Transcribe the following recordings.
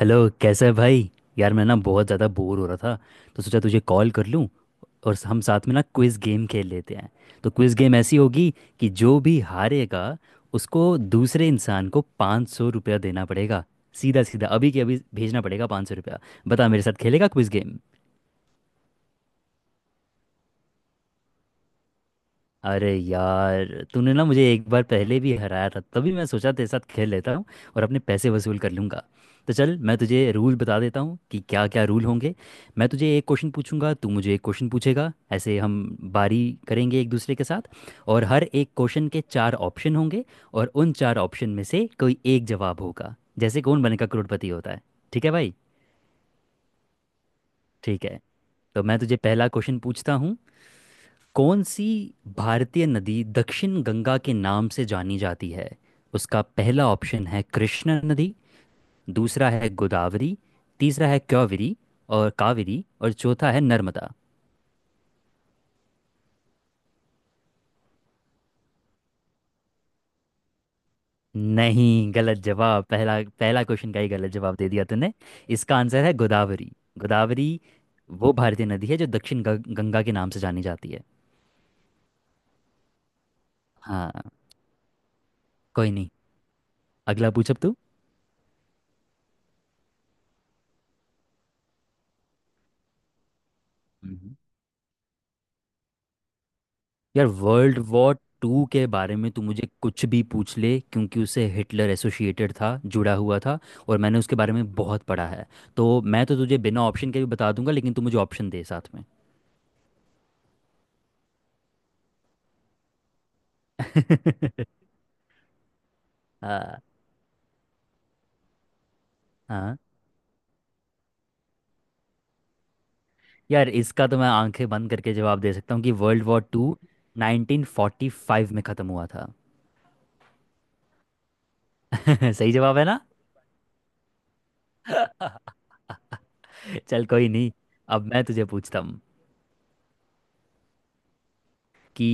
Hello, कैसा है भाई। यार, मैं ना बहुत ज़्यादा बोर हो रहा था, तो सोचा तुझे कॉल कर लूँ और हम साथ में ना क्विज़ गेम खेल लेते हैं। तो क्विज़ गेम ऐसी होगी कि जो भी हारेगा उसको दूसरे इंसान को पाँच सौ रुपया देना पड़ेगा। सीधा सीधा अभी के अभी भेजना पड़ेगा पाँच सौ रुपया। बता मेरे साथ खेलेगा क्विज़ गेम? अरे यार, तूने ना मुझे एक बार पहले भी हराया था, तभी मैं सोचा तेरे साथ खेल लेता हूँ और अपने पैसे वसूल कर लूँगा। तो चल, मैं तुझे रूल बता देता हूँ कि क्या क्या रूल होंगे। मैं तुझे एक क्वेश्चन पूछूंगा, तू मुझे एक क्वेश्चन पूछेगा, ऐसे हम बारी करेंगे एक दूसरे के साथ। और हर एक क्वेश्चन के चार ऑप्शन होंगे और उन चार ऑप्शन में से कोई एक जवाब होगा, जैसे कौन बनेगा करोड़पति होता है। ठीक है भाई। ठीक है। तो मैं तुझे पहला क्वेश्चन पूछता हूँ। कौन सी भारतीय नदी दक्षिण गंगा के नाम से जानी जाती है? उसका पहला ऑप्शन है कृष्णा नदी, दूसरा है गोदावरी, तीसरा है क्योवरी और कावेरी, और चौथा है नर्मदा। नहीं, गलत जवाब। पहला पहला क्वेश्चन का ही गलत जवाब दे दिया तूने। इसका आंसर है गोदावरी। गोदावरी वो भारतीय नदी है जो दक्षिण गंगा के नाम से जानी जाती है। हाँ, कोई नहीं, अगला पूछ अब तू। यार, वर्ल्ड वॉर टू के बारे में तू मुझे कुछ भी पूछ ले, क्योंकि उसे हिटलर एसोसिएटेड था, जुड़ा हुआ था, और मैंने उसके बारे में बहुत पढ़ा है। तो मैं तो तुझे बिना ऑप्शन के भी बता दूंगा, लेकिन तू मुझे ऑप्शन दे साथ में। हाँ, हाँ। यार, इसका तो मैं आंखें बंद करके जवाब दे सकता हूँ कि वर्ल्ड वॉर टू 1945 में ख़त्म हुआ था। सही जवाब है ना। चल, कोई नहीं, अब मैं तुझे पूछता हूँ। कि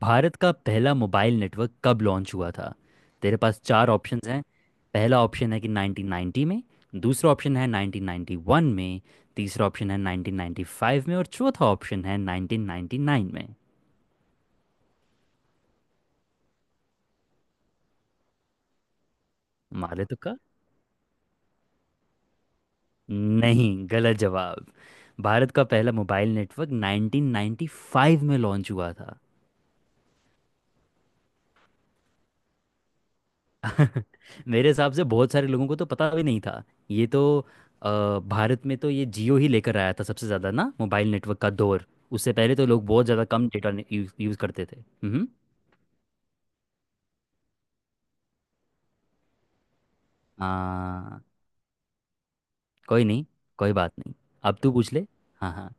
भारत का पहला मोबाइल नेटवर्क कब लॉन्च हुआ था? तेरे पास चार ऑप्शंस हैं। पहला ऑप्शन है कि 1990 में, दूसरा ऑप्शन है 1991 में, तीसरा ऑप्शन है 1995 में, और चौथा ऑप्शन है 1999 में। मारे तो का। नहीं, गलत जवाब। भारत का पहला मोबाइल नेटवर्क 1995 में लॉन्च हुआ था। मेरे हिसाब से बहुत सारे लोगों को तो पता भी नहीं था ये तो। भारत में तो ये जियो ही लेकर आया था सबसे ज़्यादा ना, मोबाइल नेटवर्क का दौर। उससे पहले तो लोग बहुत ज़्यादा कम डेटा यूज़ करते थे। हम्म। हाँ, कोई नहीं, कोई बात नहीं। अब तू पूछ ले। हाँ, हाँ।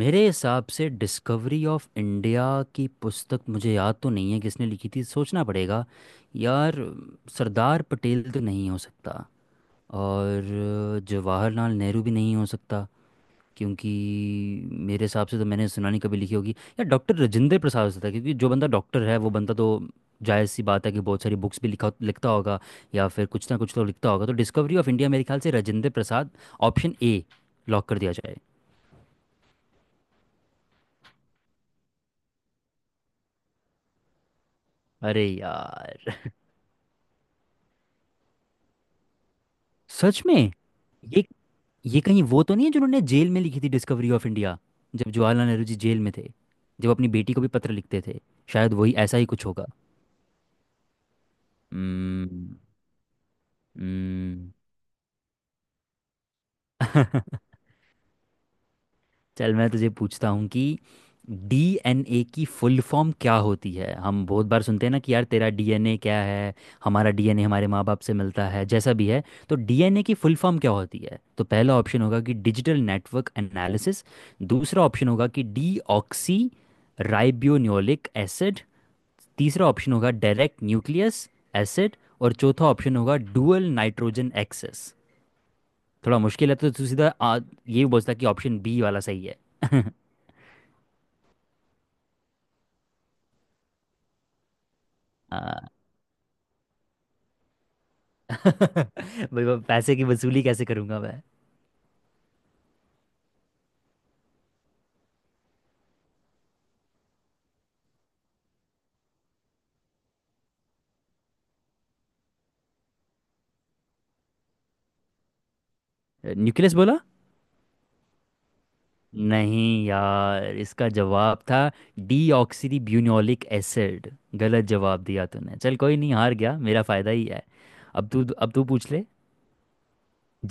मेरे हिसाब से डिस्कवरी ऑफ इंडिया की पुस्तक मुझे याद तो नहीं है किसने लिखी थी, सोचना पड़ेगा। यार, सरदार पटेल तो नहीं हो सकता और जवाहरलाल नेहरू भी नहीं हो सकता, क्योंकि मेरे हिसाब से तो मैंने सुना नहीं कभी लिखी होगी। या डॉक्टर राजेंद्र प्रसाद हो सकता है, क्योंकि जो बंदा डॉक्टर है वो बंदा तो जायज़ सी बात है कि बहुत सारी बुक्स भी लिखा लिखता होगा या फिर कुछ ना कुछ तो लिखता होगा। तो डिस्कवरी ऑफ इंडिया मेरे ख्याल से Rajendra Prasad, option A, lock कर दिया जाए। अरे यार, सच में? ये ये कहीं वो तो नहीं है जिन्होंने जेल में लिखी थी डिस्कवरी ऑफ इंडिया? जब जवाहरलाल नेहरू जी जेल में थे, जब अपनी बेटी को भी पत्र लिखते थे, शायद वही, ऐसा ही कुछ होगा। हम्म। हम्म। चल, मैं तुझे पूछता हूँ कि डीएनए की फुल फॉर्म क्या होती है। हम बहुत बार सुनते हैं ना कि यार तेरा डीएनए क्या है, हमारा डीएनए हमारे माँ बाप से मिलता है जैसा भी है। तो डीएनए की फुल फॉर्म क्या होती है? तो पहला ऑप्शन होगा कि डिजिटल नेटवर्क एनालिसिस, दूसरा ऑप्शन होगा कि डीऑक्सी राइबोन्यूक्लिक एसिड, तीसरा ऑप्शन होगा डायरेक्ट न्यूक्लियस एसिड, और चौथा ऑप्शन होगा डुअल नाइट्रोजन एक्सेस। थोड़ा मुश्किल है, तो तू सीधा ये बोलता कि ऑप्शन बी वाला सही है। आ, भाई, वो पैसे की वसूली कैसे करूंगा मैं। न्यूक्लियस बोला। नहीं यार, इसका जवाब था डीऑक्सी ब्यूनोलिक एसिड। गलत जवाब दिया तूने, चल कोई नहीं, हार गया, मेरा फायदा ही है। अब तू पूछ ले।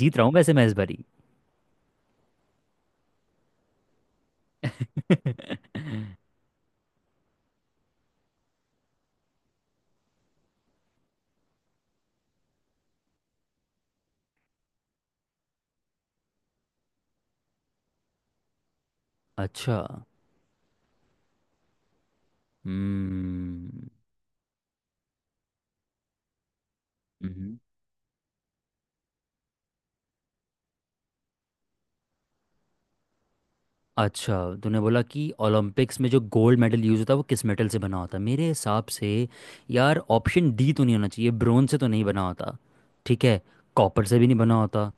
जीत रहा हूँ वैसे मैं इस बारी। अच्छा। हम्म। हम्म। अच्छा, तूने बोला कि ओलंपिक्स में जो गोल्ड मेडल यूज़ होता है वो किस मेटल से बना होता है। मेरे हिसाब से, यार, ऑप्शन डी तो नहीं होना चाहिए, ब्रोंज से तो नहीं बना होता। ठीक है, कॉपर से भी नहीं बना होता।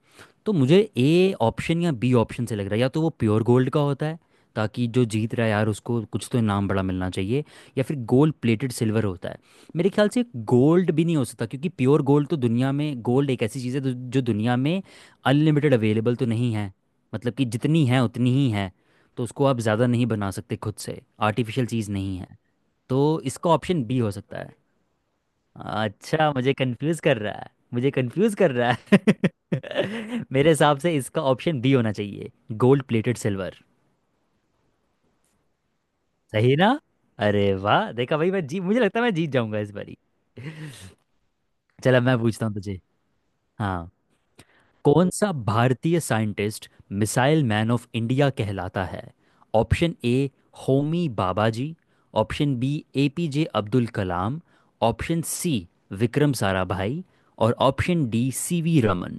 तो मुझे ए ऑप्शन या बी ऑप्शन से लग रहा है, या तो वो प्योर गोल्ड का होता है ताकि जो जीत रहा है यार उसको कुछ तो इनाम बड़ा मिलना चाहिए, या फिर गोल्ड प्लेटेड सिल्वर होता है। मेरे ख्याल से गोल्ड भी नहीं हो सकता, क्योंकि प्योर गोल्ड तो, दुनिया में गोल्ड एक ऐसी चीज़ है जो, जो दुनिया में अनलिमिटेड अवेलेबल तो नहीं है, मतलब कि जितनी है उतनी ही है, तो उसको आप ज़्यादा नहीं बना सकते खुद से, आर्टिफिशियल चीज़ नहीं है। तो इसका ऑप्शन बी हो सकता है। अच्छा, मुझे कंफ्यूज कर रहा है, मुझे कंफ्यूज कर रहा है। मेरे हिसाब से इसका ऑप्शन बी होना चाहिए, गोल्ड प्लेटेड सिल्वर। सही ना? अरे वाह, देखा भाई, मैं जी मुझे लगता है मैं जीत जाऊंगा इस बारी। चलो, मैं पूछता हूँ तुझे। हाँ। कौन सा भारतीय scientist missile man of India कहलाता है? Option A Homi Babaji, option B APJ Abdul Kalam, option C Vikram Sarabhai, और option D CV Raman.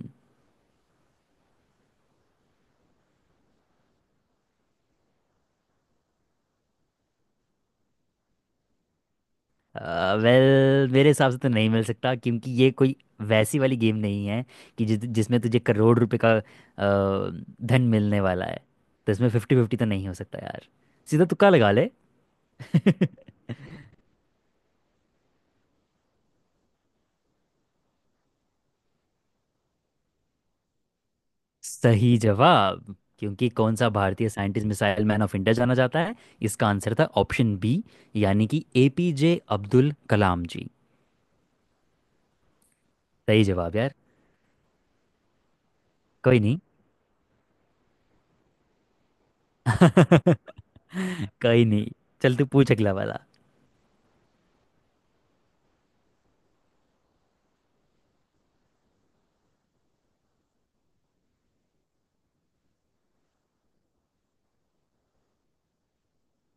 Well, मेरे हिसाब से तो नहीं मिल सकता, क्योंकि ये कोई वैसी वाली गेम नहीं है कि जिस जिसमें तुझे करोड़ रुपए का धन मिलने वाला है। तो इसमें फिफ्टी फिफ्टी तो नहीं हो सकता यार, सीधा तुक्का लगा ले। सही जवाब। क्योंकि कौन सा भारतीय scientist missile man of India जाना जाता है, इसका आंसर था ऑप्शन बी, यानी कि एपीजे अब्दुल कलाम जी। सही जवाब यार। कोई नहीं। कोई नहीं, चल तू पूछ अगला वाला।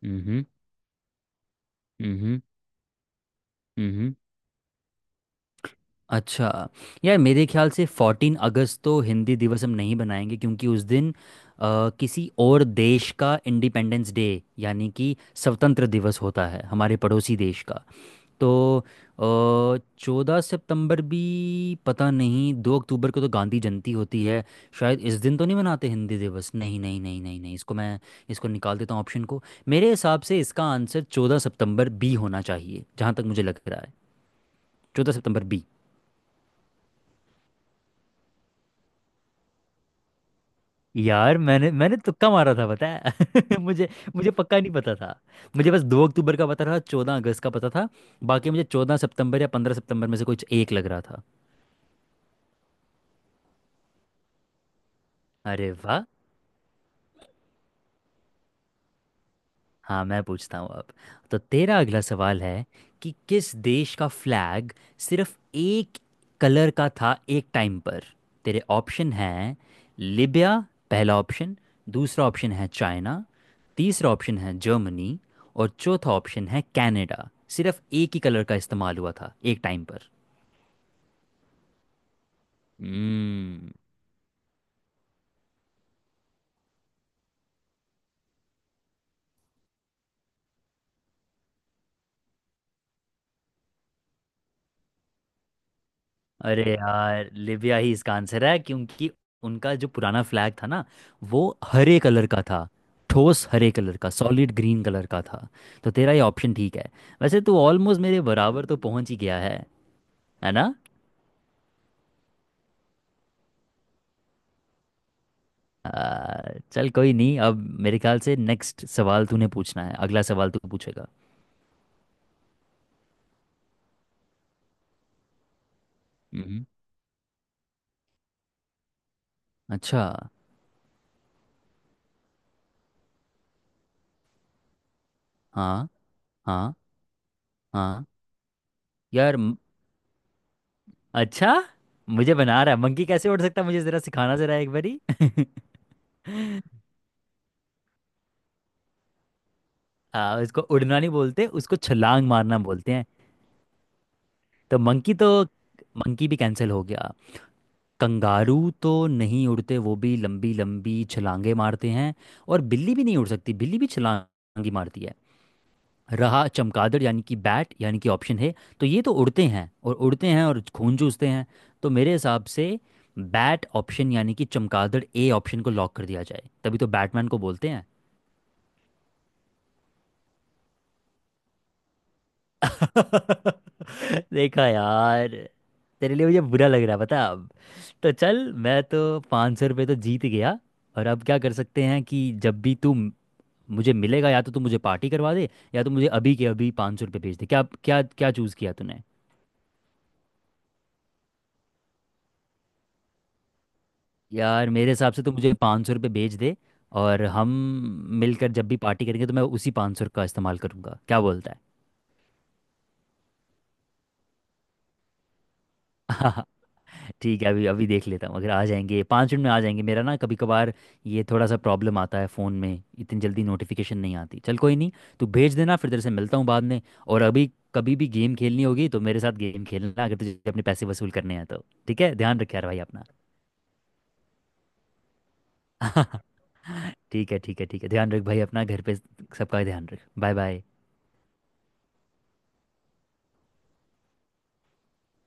हम्म। हम्म। हम्म। अच्छा, यार मेरे ख्याल से फोर्टीन अगस्त तो हिंदी दिवस हम नहीं बनाएंगे, क्योंकि उस दिन किसी और देश का इंडिपेंडेंस डे, यानी कि स्वतंत्र दिवस, होता है, हमारे पड़ोसी देश का। तो चौदह सितंबर भी, पता नहीं, दो अक्टूबर को तो गांधी जयंती होती है, शायद इस दिन तो नहीं मनाते हिंदी दिवस। नहीं नहीं नहीं नहीं नहीं, इसको निकाल देता हूँ ऑप्शन को। मेरे हिसाब से इसका आंसर चौदह सितंबर बी होना चाहिए, जहाँ तक मुझे लग रहा है, चौदह सितंबर बी। यार, मैंने मैंने तुक्का मारा था पता है। मुझे, मुझे पक्का नहीं पता था। मुझे बस दो अक्टूबर का पता था, चौदह अगस्त का पता था। बाकी मुझे चौदह सितंबर या पंद्रह सितंबर में से कुछ एक लग रहा था। अरे वाह। हाँ, मैं पूछता हूँ अब। तो तेरा अगला सवाल है कि किस देश का फ्लैग सिर्फ एक कलर का था एक टाइम पर? तेरे ऑप्शन हैं, लिबिया पहला ऑप्शन, दूसरा ऑप्शन है चाइना, तीसरा ऑप्शन है जर्मनी, और चौथा ऑप्शन है कनाडा। सिर्फ एक ही कलर का इस्तेमाल हुआ था एक टाइम पर। अरे यार, लिबिया ही इसका आंसर है, क्योंकि उनका जो पुराना फ्लैग था ना वो हरे कलर का था, ठोस हरे कलर का, सॉलिड ग्रीन कलर का था। तो तेरा ये ऑप्शन ठीक है। वैसे तू ऑलमोस्ट मेरे बराबर तो पहुंच ही गया है ना। आ, चल कोई नहीं, अब मेरे ख्याल से नेक्स्ट सवाल तूने पूछना है, अगला सवाल तू पूछेगा। मम्म। अच्छा। हाँ। हाँ। हाँ। यार म- अच्छा, मुझे बना रहा है, मंकी कैसे उड़ सकता है, मुझे जरा सिखाना जरा एक बारी। इसको उड़ना नहीं बोलते, उसको छलांग मारना बोलते हैं। तो मंकी तो, मंकी भी कैंसिल हो गया। कंगारू तो नहीं उड़ते, वो भी लंबी लंबी छलांगे मारते हैं। और बिल्ली भी नहीं उड़ सकती, बिल्ली भी छलांग ही मारती है। रहा चमगादड़, यानी कि बैट, यानी कि ऑप्शन है तो ये तो उड़ते हैं और खून चूसते हैं। तो मेरे हिसाब से बैट ऑप्शन, यानी कि चमगादड़, ए ऑप्शन को लॉक कर दिया जाए। तभी तो बैटमैन को बोलते हैं। देखा यार, तेरे लिए मुझे बुरा लग रहा है पता है। अब तो चल, मैं तो पाँच सौ रुपये तो जीत गया, और अब क्या कर सकते हैं कि जब भी तू मुझे मिलेगा, या तो तू मुझे पार्टी करवा दे या तो मुझे अभी के अभी पाँच सौ रुपये भेज दे, क्या क्या क्या चूज़ किया तूने? यार, मेरे हिसाब से तो मुझे पाँच सौ रुपये भेज दे और हम मिलकर जब भी पार्टी करेंगे तो मैं उसी पाँच सौ का इस्तेमाल करूंगा, क्या बोलता है? ठीक है, अभी अभी देख लेता हूँ, अगर आ जाएंगे पाँच मिनट में आ जाएंगे। मेरा ना कभी कभार ये थोड़ा सा प्रॉब्लम आता है, फ़ोन में इतनी जल्दी नोटिफिकेशन नहीं आती। चल कोई नहीं, तू भेज देना, फिर तेरे से मिलता हूँ बाद में। और अभी कभी भी गेम खेलनी होगी तो मेरे साथ गेम खेलना, अगर तुझे अपने पैसे वसूल करने हैं तो। ठीक है, ध्यान रख यार भाई अपना। ठीक है, ठीक है, ठीक है, ध्यान रख भाई अपना, घर पे सबका ध्यान रख, बाय बाय।